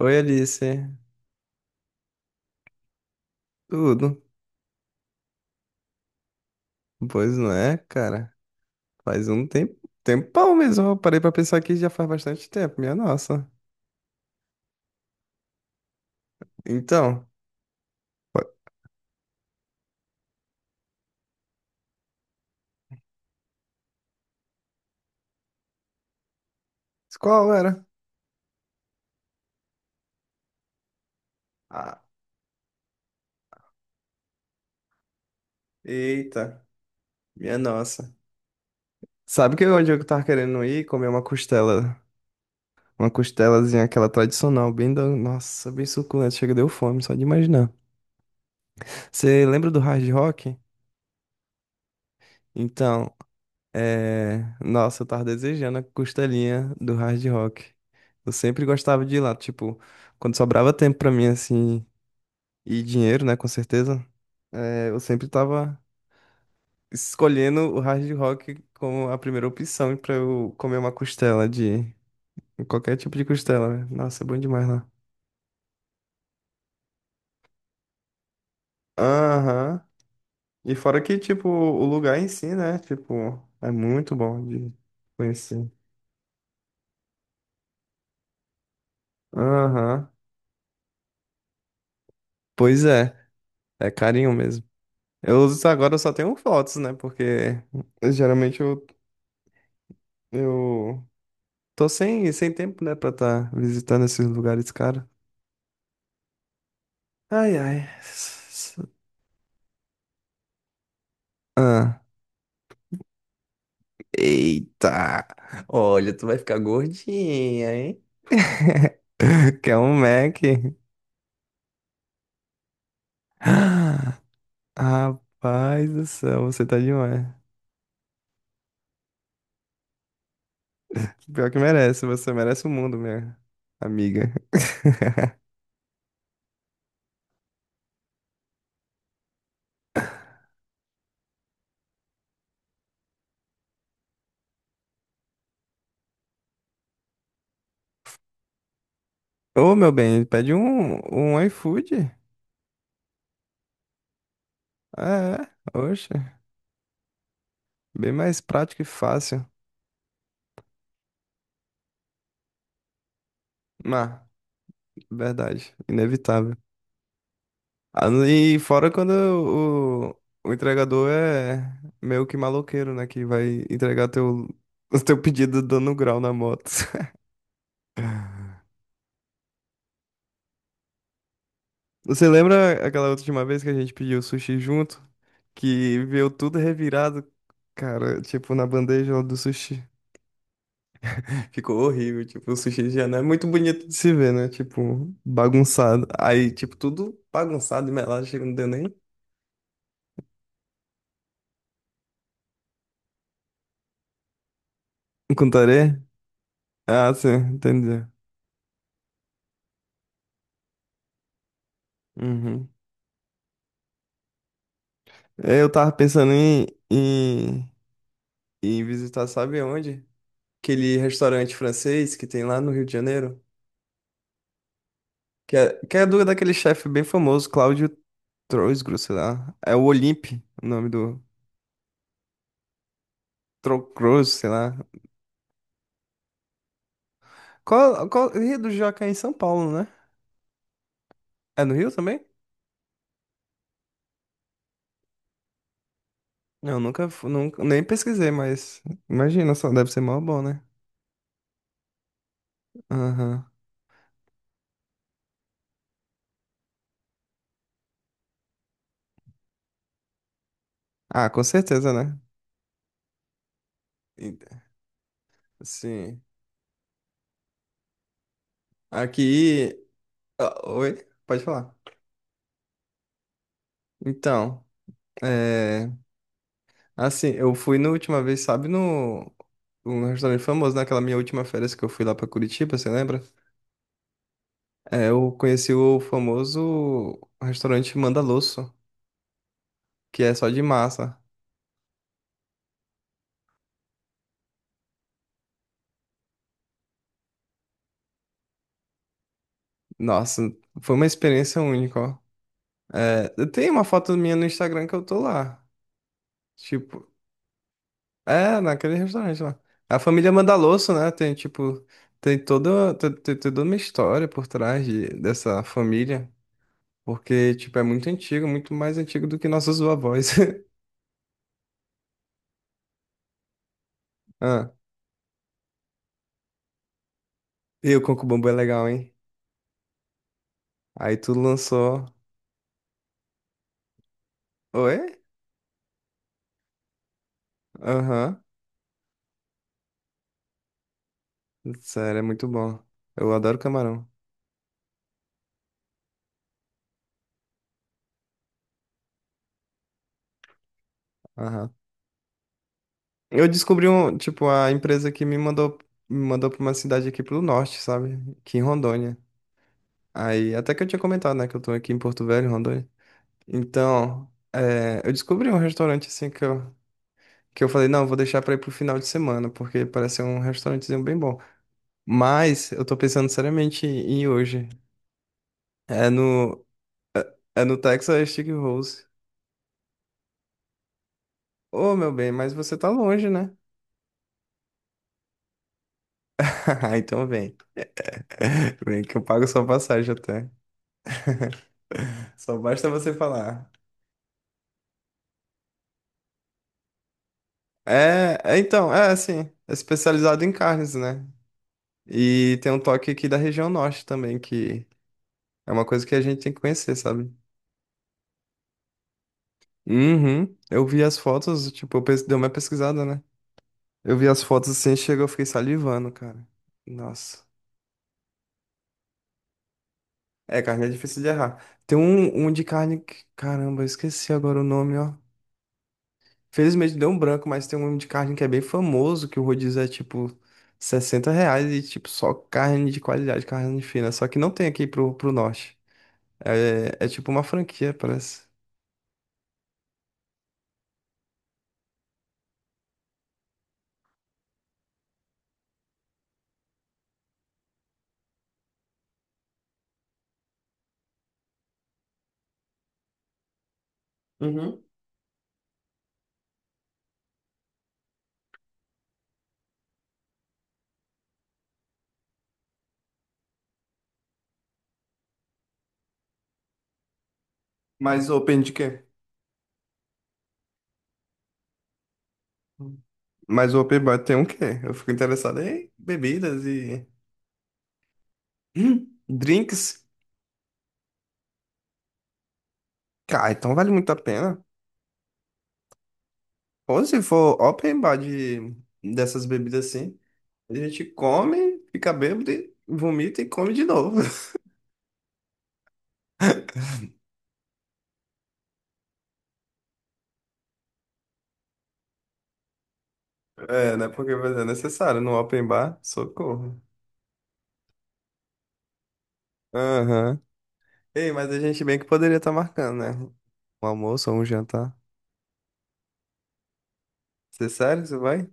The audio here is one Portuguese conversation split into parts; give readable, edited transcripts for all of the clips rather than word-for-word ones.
Oi, Alice. Tudo? Pois não é, cara. Faz um tempo, tempão mesmo. Eu parei pra pensar que já faz bastante tempo, minha nossa. Então, qual qual era? Ah, eita, minha nossa. Sabe que onde eu tava querendo ir comer uma costela, uma costelazinha aquela tradicional, bem da, nossa, bem suculenta, chega deu fome só de imaginar. Você lembra do Hard Rock? Então, é, nossa, eu tava desejando a costelinha do Hard Rock. Eu sempre gostava de ir lá, tipo, quando sobrava tempo pra mim, assim, e dinheiro, né, com certeza, é, eu sempre tava escolhendo o Hard Rock como a primeira opção pra eu comer uma costela de qualquer tipo de costela, né? Nossa, é bom demais lá. Aham. E fora que, tipo, o lugar em si, né, tipo, é muito bom de conhecer. Aham. Pois é, é carinho mesmo. Eu uso agora, eu só tenho fotos, né? Porque geralmente eu tô sem tempo, né, pra estar visitando esses lugares, cara. Ai, ai. Ah. Eita! Olha, tu vai ficar gordinha, hein? Quer um Mac? Ah, rapaz do céu, você tá demais. Pior que merece, você merece o mundo, minha amiga. Ô, meu bem, pede um iFood. Ah, é, oxe. Bem mais prático e fácil. Mas, verdade, inevitável. Ah, e fora quando o entregador é meio que maloqueiro, né? Que vai entregar teu, o teu pedido dando grau na moto. Você lembra aquela última vez que a gente pediu sushi junto? Que veio tudo revirado, cara, tipo, na bandeja do sushi. Ficou horrível, tipo, o sushi já não é muito bonito de se ver, né? Tipo, bagunçado. Aí, tipo, tudo bagunçado e melado, chega não deu nem. Um contaré? Ah, sim, entendi. Uhum. É, eu tava pensando em visitar, sabe onde? Aquele restaurante francês que tem lá no Rio de Janeiro. Que é do, daquele chefe bem famoso, Cláudio Troisgros, sei lá. É o Olympe, o nome do Trocros, sei lá. Qual, Rio do Jaca é em São Paulo, né? É no Rio também? Não, nunca, nunca, nem pesquisei, mas imagina, só deve ser mó bom, né? Aham. Ah, com certeza, né? E- sim. Aqui. Ah, oi, pode falar. Então, é, assim, eu fui na última vez, sabe, no um restaurante famoso, naquela minha última férias que eu fui lá pra Curitiba, você lembra? É, eu conheci o famoso restaurante Mandaloso, que é só de massa. Nossa, foi uma experiência única, ó. É, eu tenho uma foto minha no Instagram que eu tô lá. Tipo, é, naquele restaurante lá. A família Mandaloso, né? Tem, tipo, tem toda uma história por trás dessa família. Porque, tipo, é muito antigo, muito mais antigo do que nossos vovós. Ah, e o Coco Bambu é legal, hein? Aí tu lançou. Oi? Aham. Sério, é muito bom. Eu adoro camarão. Aham. Eu descobri um, tipo, a empresa que me mandou pra uma cidade aqui pro norte, sabe? Aqui em Rondônia. Aí, até que eu tinha comentado, né, que eu tô aqui em Porto Velho, Rondônia. Então, é, eu descobri um restaurante assim que eu falei, não, eu vou deixar pra ir pro final de semana, porque parece ser um restaurantezinho bem bom. Mas eu tô pensando seriamente em ir hoje. É no, é no Texas Stick Rose. Ô, meu bem, mas você tá longe, né? Então vem. Vem que eu pago sua passagem até. Só basta você falar. É assim, é especializado em carnes, né? E tem um toque aqui da região norte também, que é uma coisa que a gente tem que conhecer, sabe? Uhum. Eu vi as fotos, tipo, dei uma pesquisada, né? Eu vi as fotos assim, chegou, eu fiquei salivando, cara. Nossa. É, carne é difícil de errar. Tem um de carne que, caramba, eu esqueci agora o nome, ó. Felizmente deu um branco, mas tem um de carne que é bem famoso, que o rodízio é tipo R$ 60 e tipo só carne de qualidade, carne fina. Só que não tem aqui pro norte. É, é tipo uma franquia, parece. Uhum. Mas open de quê? Mas o open bar tem um quê? Eu fico interessado em bebidas e hum, drinks. Cara, então vale muito a pena. Ou se for open bar de, dessas bebidas assim, a gente come, fica bêbado, e vomita e come de novo. É, né? Porque mas é necessário no open bar, socorro. Aham. Ei, mas a gente bem que poderia estar marcando, né? Um almoço ou um jantar. Você é sério, você vai?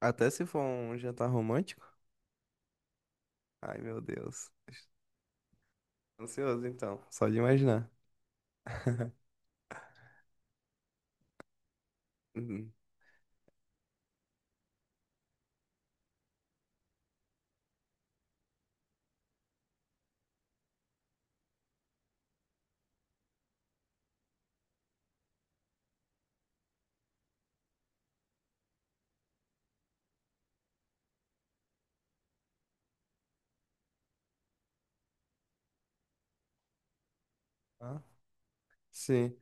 Até se for um jantar romântico? Ai, meu Deus. Ansioso, então. Só de imaginar. Uhum. Ah, sim.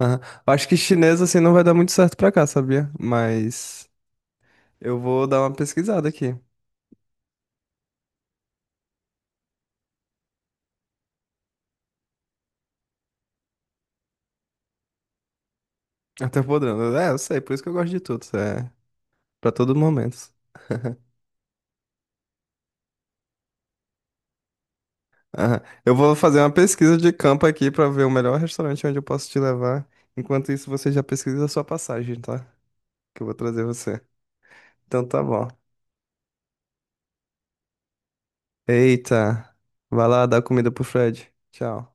Aham. Acho que chinês, assim, não vai dar muito certo pra cá, sabia? Mas eu vou dar uma pesquisada aqui. Até podendo. É, eu sei, por isso que eu gosto de tudo. Isso é, para todo momento. Aham. Eu vou fazer uma pesquisa de campo aqui pra ver o melhor restaurante onde eu posso te levar. Enquanto isso, você já pesquisa a sua passagem, tá? Que eu vou trazer você. Então tá bom. Eita. Vai lá dar comida pro Fred. Tchau.